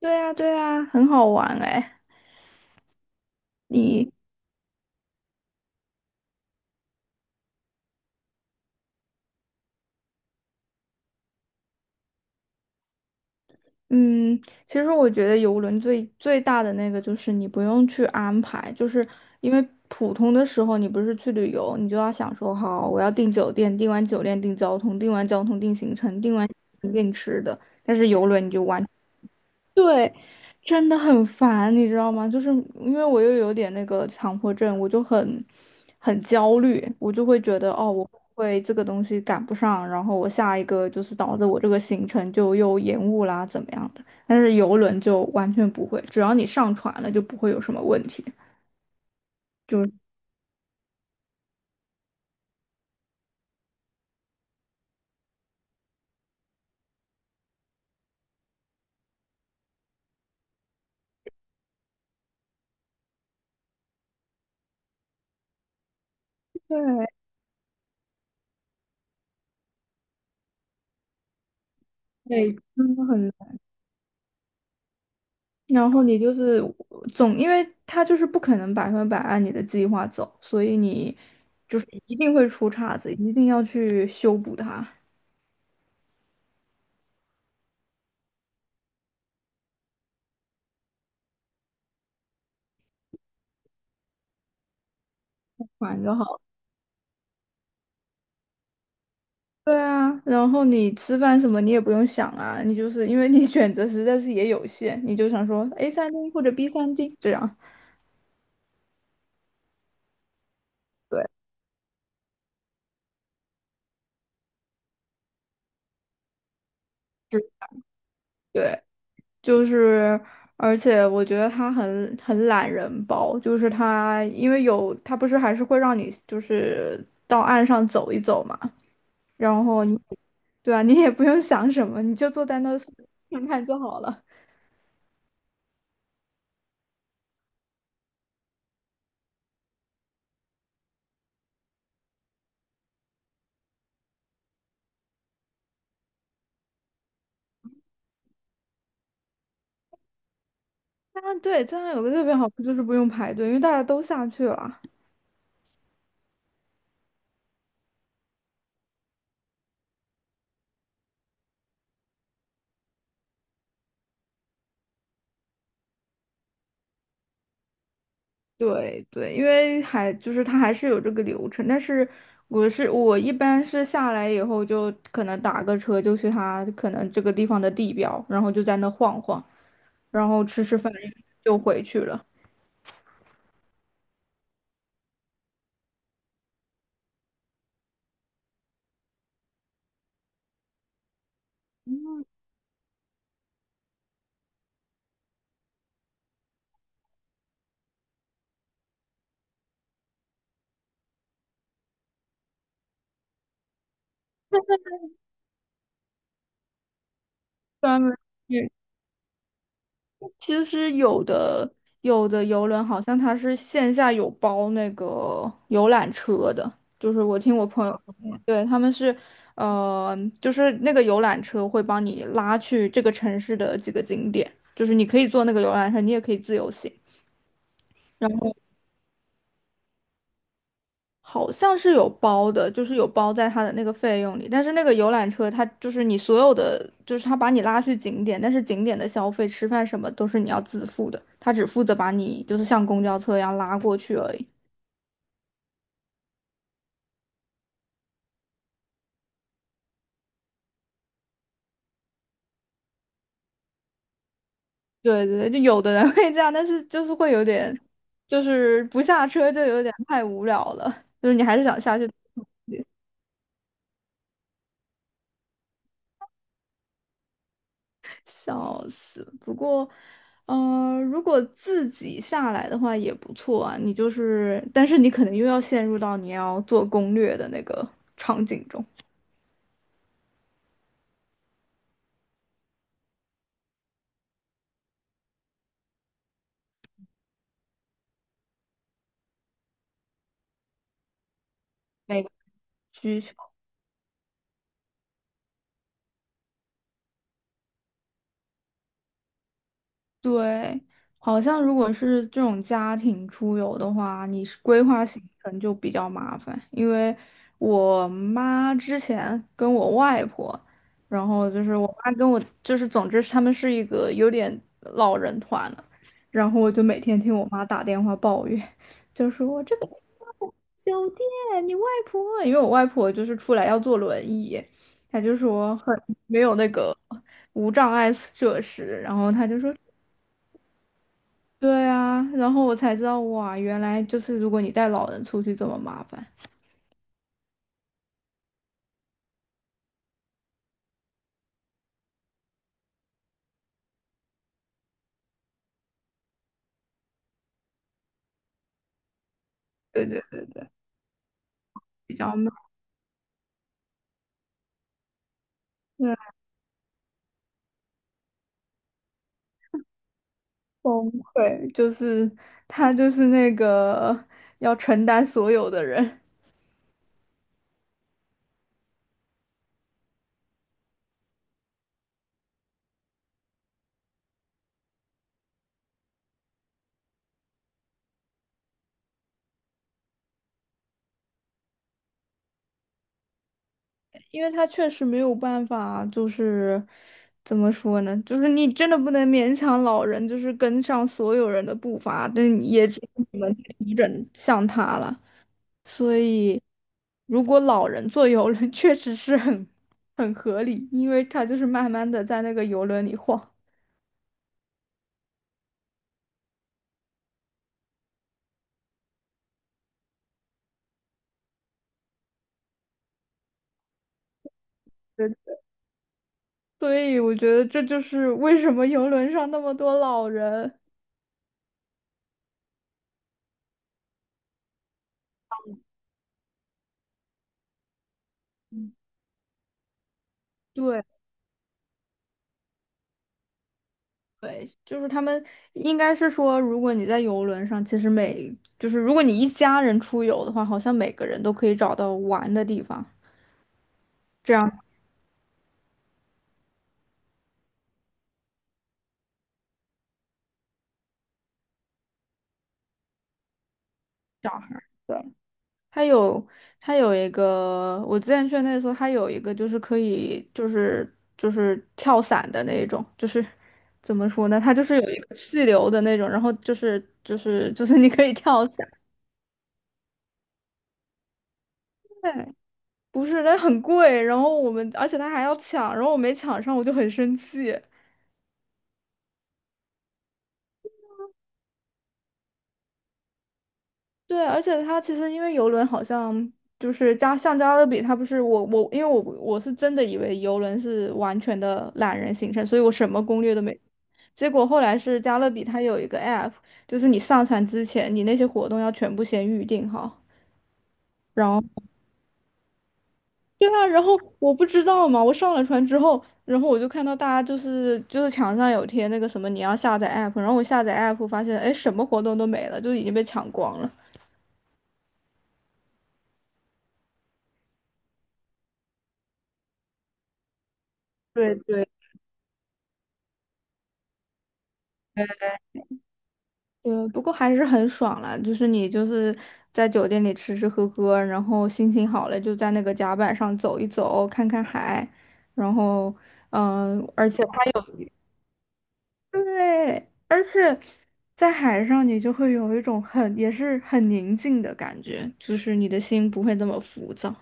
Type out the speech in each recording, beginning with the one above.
对啊，对啊，很好玩哎。你，嗯，其实我觉得游轮最大的那个就是你不用去安排，就是因为普通的时候你不是去旅游，你就要想说好，我要订酒店，订完酒店订交通，订完交通订行程，订完行程订吃的。但是游轮你就完。对，真的很烦，你知道吗？就是因为我又有点那个强迫症，我就很焦虑，我就会觉得哦，我会这个东西赶不上，然后我下一个就是导致我这个行程就又延误啦，怎么样的？但是游轮就完全不会，只要你上船了就不会有什么问题。对，对，真的很。然后你就是总，因为他就是不可能百分百按你的计划走，所以你就是一定会出岔子，一定要去修补它，管就好了。对啊，然后你吃饭什么你也不用想啊，你就是因为你 选择实在是也有限，你就想说 A 三 D 或者 B 三 D 这样。对，就对，就是，而且我觉得他很懒人包，就是他因为有他不是还是会让你就是到岸上走一走嘛。然后你，对啊，你也不用想什么，你就坐在那看看就好了。啊，对，这样有个特别好处就是不用排队，因为大家都下去了。对对，因为还就是它还是有这个流程，但是我一般是下来以后就可能打个车就去它可能这个地方的地标，然后就在那晃晃，然后吃吃饭就回去了。专门。去。其实有的游轮好像它是线下有包那个游览车的，就是我听我朋友，对，他们是，就是那个游览车会帮你拉去这个城市的几个景点，就是你可以坐那个游览车，你也可以自由行。好像是有包的，就是有包在它的那个费用里。但是那个游览车，它就是你所有的，就是它把你拉去景点，但是景点的消费、吃饭什么都是你要自付的，它只负责把你就是像公交车一样拉过去而已。对对对，就有的人会这样，但是就是会有点，就是不下车就有点太无聊了，就是你还是想下去。笑死！不过，如果自己下来的话也不错啊。你就是，但是你可能又要陷入到你要做攻略的那个场景中。每个区。对，好像如果是这种家庭出游的话，你是规划行程就比较麻烦，因为我妈之前跟我外婆，然后就是我妈跟我，就是总之他们是一个有点老人团了，然后我就每天听我妈打电话抱怨，就说我这个酒店，你外婆，因为我外婆就是出来要坐轮椅，她就说很没有那个无障碍设施，然后她就说。对啊，然后我才知道哇，原来就是如果你带老人出去这么麻烦，对对，比较慢，对，崩溃，就是他就是那个要承担所有的人，因为他确实没有办法，就是怎么说呢，就是你真的不能勉强老人，就是跟上所有人的步伐，但也只能你们调整向他了。所以，如果老人坐游轮 确实是很合理，因为他就是慢慢的在那个游轮里晃 对所以我觉得这就是为什么游轮上那么多老人。嗯对对，就是他们应该是说，如果你在游轮上，其实每就是如果你一家人出游的话，好像每个人都可以找到玩的地方，这样小孩儿。对它有它有一个，我之前去那的时候，它有一个就是可以跳伞的那种，就是怎么说呢？它就是有一个气流的那种，然后就是你可以跳伞。对，不是，那很贵，然后我们而且它还要抢，然后我没抢上，我就很生气。对，而且它其实因为游轮好像就是加橡胶的比，它不是我因为我是真的以为游轮是完全的懒人行程，所以我什么攻略都没。结果后来是加勒比，它有一个 app,就是你上传之前，你那些活动要全部先预定好。然后，对啊，然后我不知道嘛，我上了船之后，然后我就看到大家墙上有贴那个什么你要下载 app,然后我下载 app 发现，哎，什么活动都没了，就已经被抢光了。对对，嗯，不过还是很爽啦，就是你就是在酒店里吃吃喝喝，然后心情好了就在那个甲板上走一走，看看海，然后而且。对，而且在海上，你就会有一种很也是很宁静的感觉，就是你的心不会那么浮躁。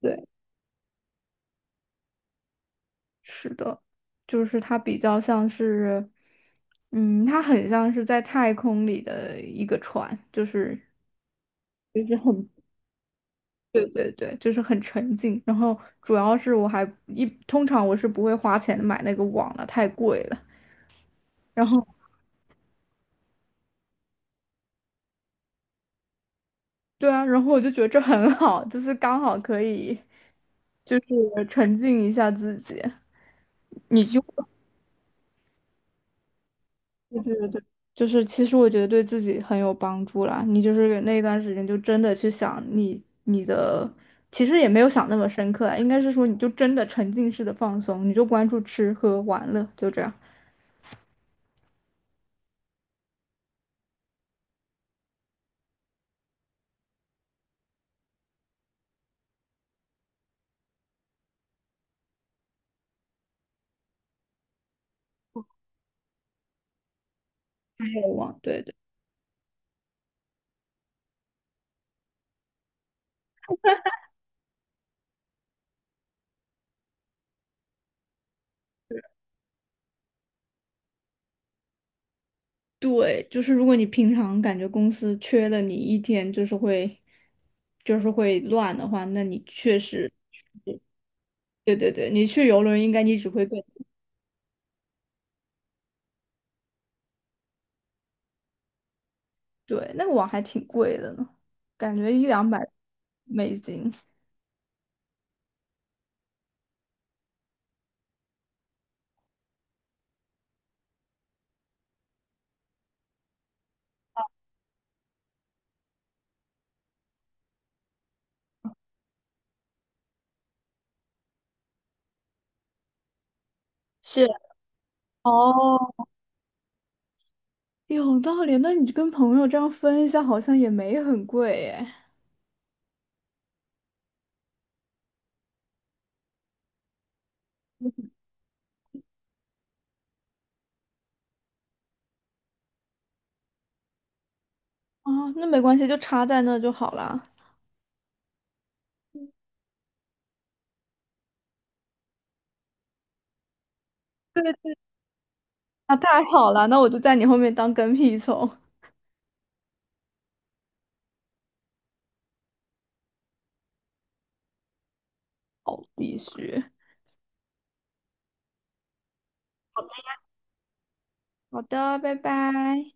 对，是的，就是它比较像是，嗯，它很像是在太空里的一个船，就是就是很，对对对，就是很沉静。然后主要是我通常我是不会花钱买那个网了，太贵了。然后对啊，然后我就觉得这很好，就是刚好可以。就是沉浸一下自己。你就对对对对，就是其实我觉得对自己很有帮助啦。你就是那段时间就真的去想你的，其实也没有想那么深刻啊，应该是说你就真的沉浸式的放松，你就关注吃喝玩乐，就这样。还有网，对对对，就是如果你平常感觉公司缺了你一天，就是会乱的话，那你确实，对对对，你去游轮应该你只会更。对，那个网还挺贵的呢，感觉一两百美金。是哦，有道理，那你就跟朋友这样分一下，好像也没很贵耶。啊，那没关系，就插在那就好了。对，那太好了，那我就在你后面当跟屁虫。好必须。好的，拜拜。